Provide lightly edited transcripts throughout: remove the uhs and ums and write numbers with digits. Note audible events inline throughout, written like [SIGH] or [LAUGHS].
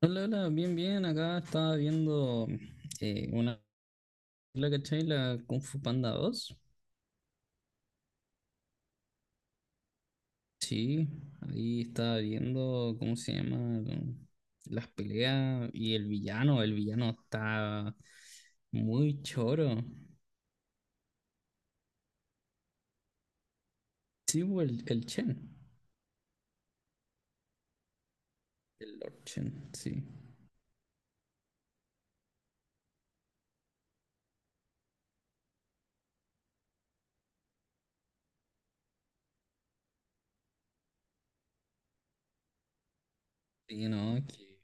Hola, hola, bien, bien. Acá estaba viendo una película, ¿cachai? La Kung Fu Panda 2. Sí, ahí estaba viendo, ¿cómo se llama? Las peleas y el villano. El villano está muy choro. Sí, pues, el Chen. El Lord Chen, sí. Sí, no, es que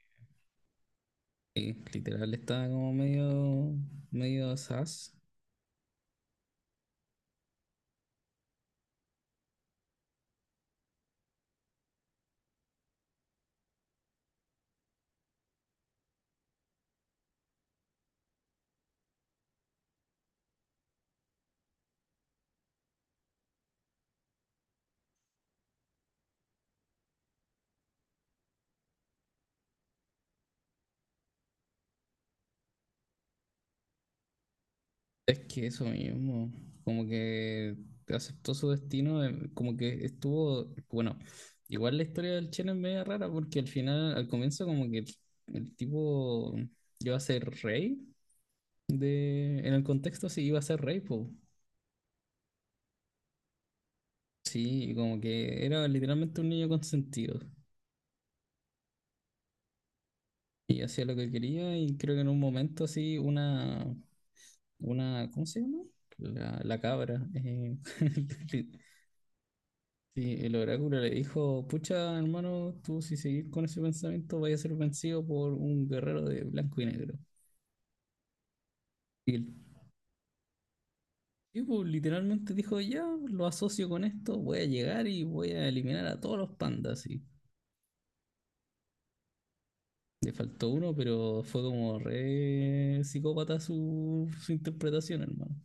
literal estaba como medio, medio sas. Es que eso mismo, como que aceptó su destino, como que estuvo, bueno, igual la historia del Chen es media rara porque al final, al comienzo como que el tipo iba a ser rey de, en el contexto sí iba a ser rey, po. Sí, y como que era literalmente un niño consentido y hacía lo que quería y creo que en un momento así una, ¿cómo se llama? La cabra, [LAUGHS] Sí, el oráculo le dijo, pucha, hermano, tú si seguís con ese pensamiento vaya a ser vencido por un guerrero de blanco y negro. Y el tipo literalmente dijo, ya, lo asocio con esto, voy a llegar y voy a eliminar a todos los pandas. Y le faltó uno, pero fue como re psicópata su interpretación, hermano.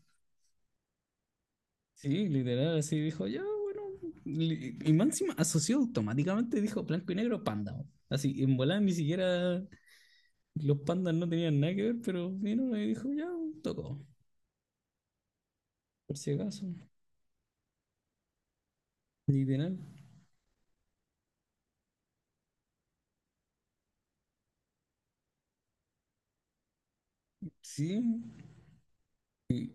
Sí, literal, así dijo, ya, bueno. Y Máxima asoció automáticamente, dijo blanco y negro, panda. Así, en volar ni siquiera. Los pandas no tenían nada que ver, pero vino y dijo, ya, tocó, por si acaso. Literal, sí. Y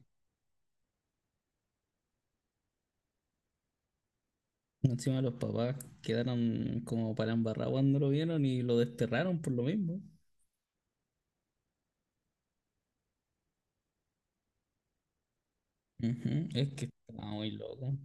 encima los papás quedaron como para embarrar cuando lo vieron y lo desterraron por lo mismo. Ujú. Es que estaba muy loco.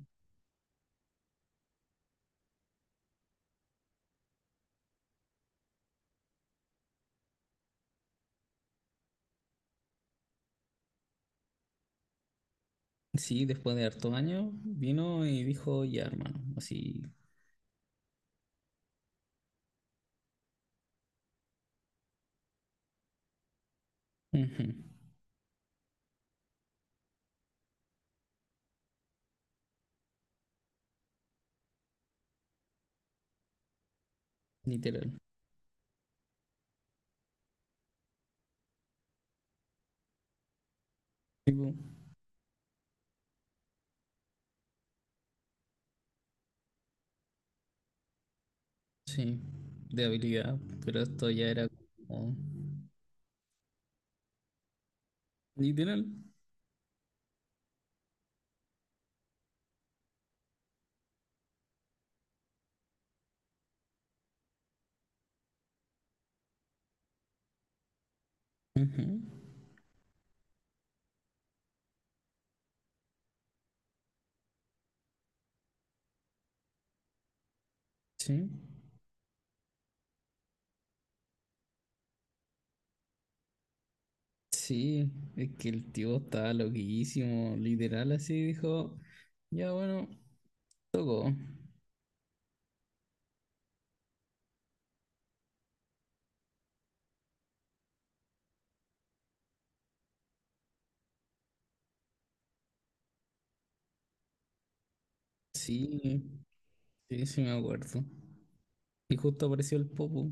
Sí, después de hartos años vino y dijo, ya, hermano, así, ujú, literal. Tipo, sí, de habilidad, pero esto ya era como literal. Ujú. Sí. Sí, es que el tío estaba loquísimo, literal así dijo, ya bueno, tocó. Sí, sí, sí me acuerdo. Y justo apareció el Popo.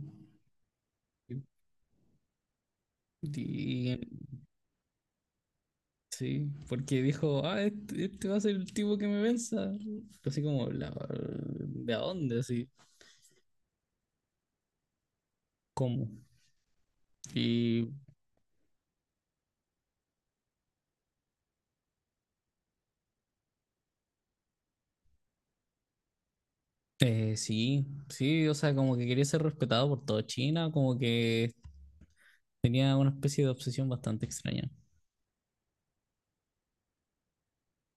Y, y- sí, porque dijo, ah, este va a ser el tipo que me venza. Así como, la, ¿de a dónde? Así, ¿cómo? Y sí, sí, o sea, como que quería ser respetado por toda China, como que tenía una especie de obsesión bastante extraña.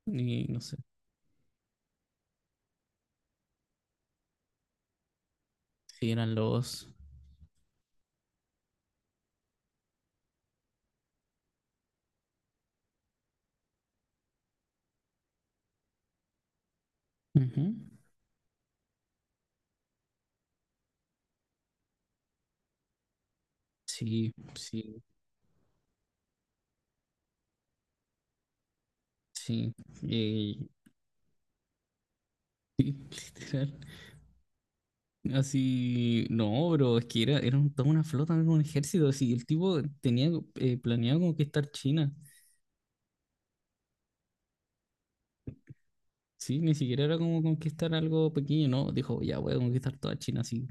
Y no sé. Sí, eran lobos. Ujú. Sí, sí, sí. Y literal. Así, no, bro, es que era toda una flota, era un ejército. Así, el tipo tenía planeado conquistar China. Sí, ni siquiera era como conquistar algo pequeño, no. Dijo, ya voy a conquistar toda China, sí.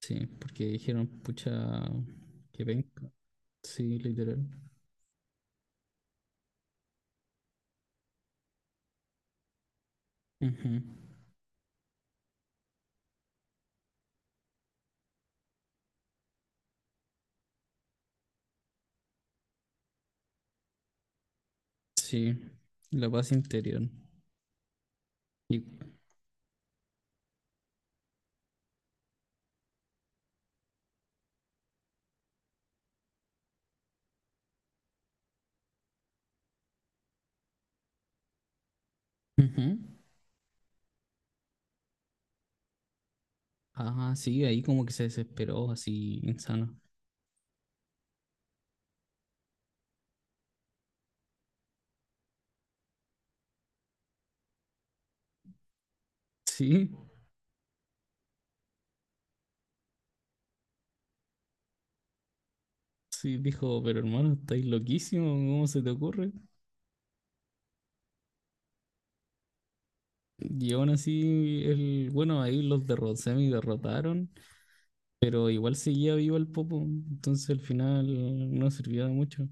Sí, porque dijeron, pucha, que ven. Sí, literal. Ujú. Sí, la paz interior. Y, Ujú. Ah, sí, ahí como que se desesperó, así, insano. Sí, sí, dijo, pero hermano, estáis loquísimo, ¿cómo se te ocurre? Y aún así, el, bueno, ahí los semi derrotaron, pero igual seguía vivo el Popo, entonces al final no sirvió de mucho.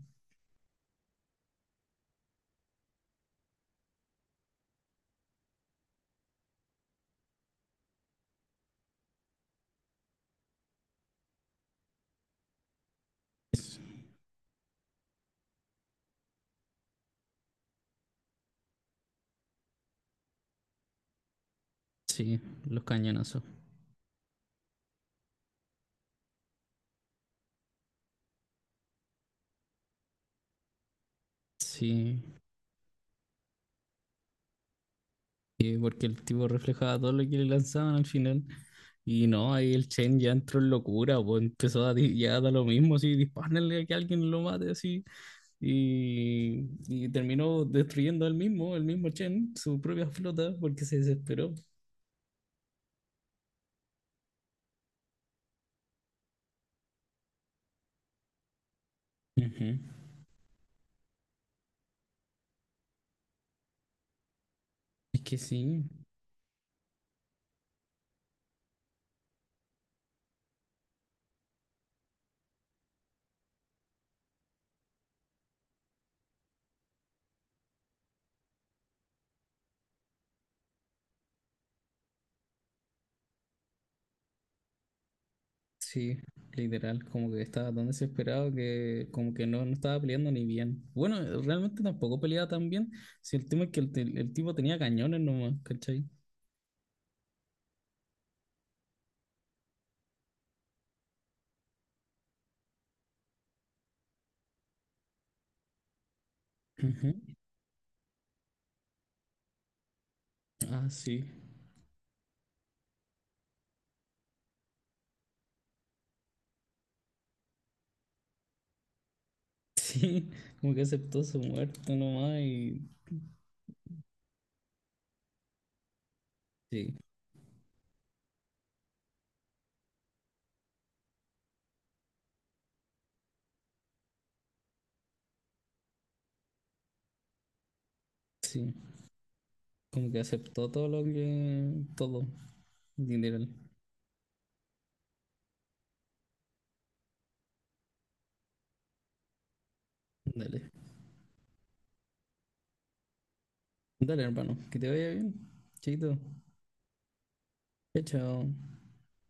Sí, los cañonazos. Sí, sí, porque el tipo reflejaba todo lo que le lanzaban al final. Y no, ahí el Chen ya entró en locura, pues empezó a ya da lo mismo, así, dispárenle a que alguien lo mate, así. Y terminó destruyendo él mismo, el mismo Chen, su propia flota, porque se desesperó. Ujú. Es que sí, sí, literal, como que estaba tan desesperado que como que no estaba peleando ni bien. Bueno, realmente tampoco peleaba tan bien, si el tema es que el tipo tenía cañones nomás, ¿cachai? Ah, sí. [LAUGHS] Sí, como que aceptó su muerte nomás y sí, sí, como que aceptó todo lo que, todo, literal. Dale, dale hermano, que te vaya bien, chiquito. Chao, chao.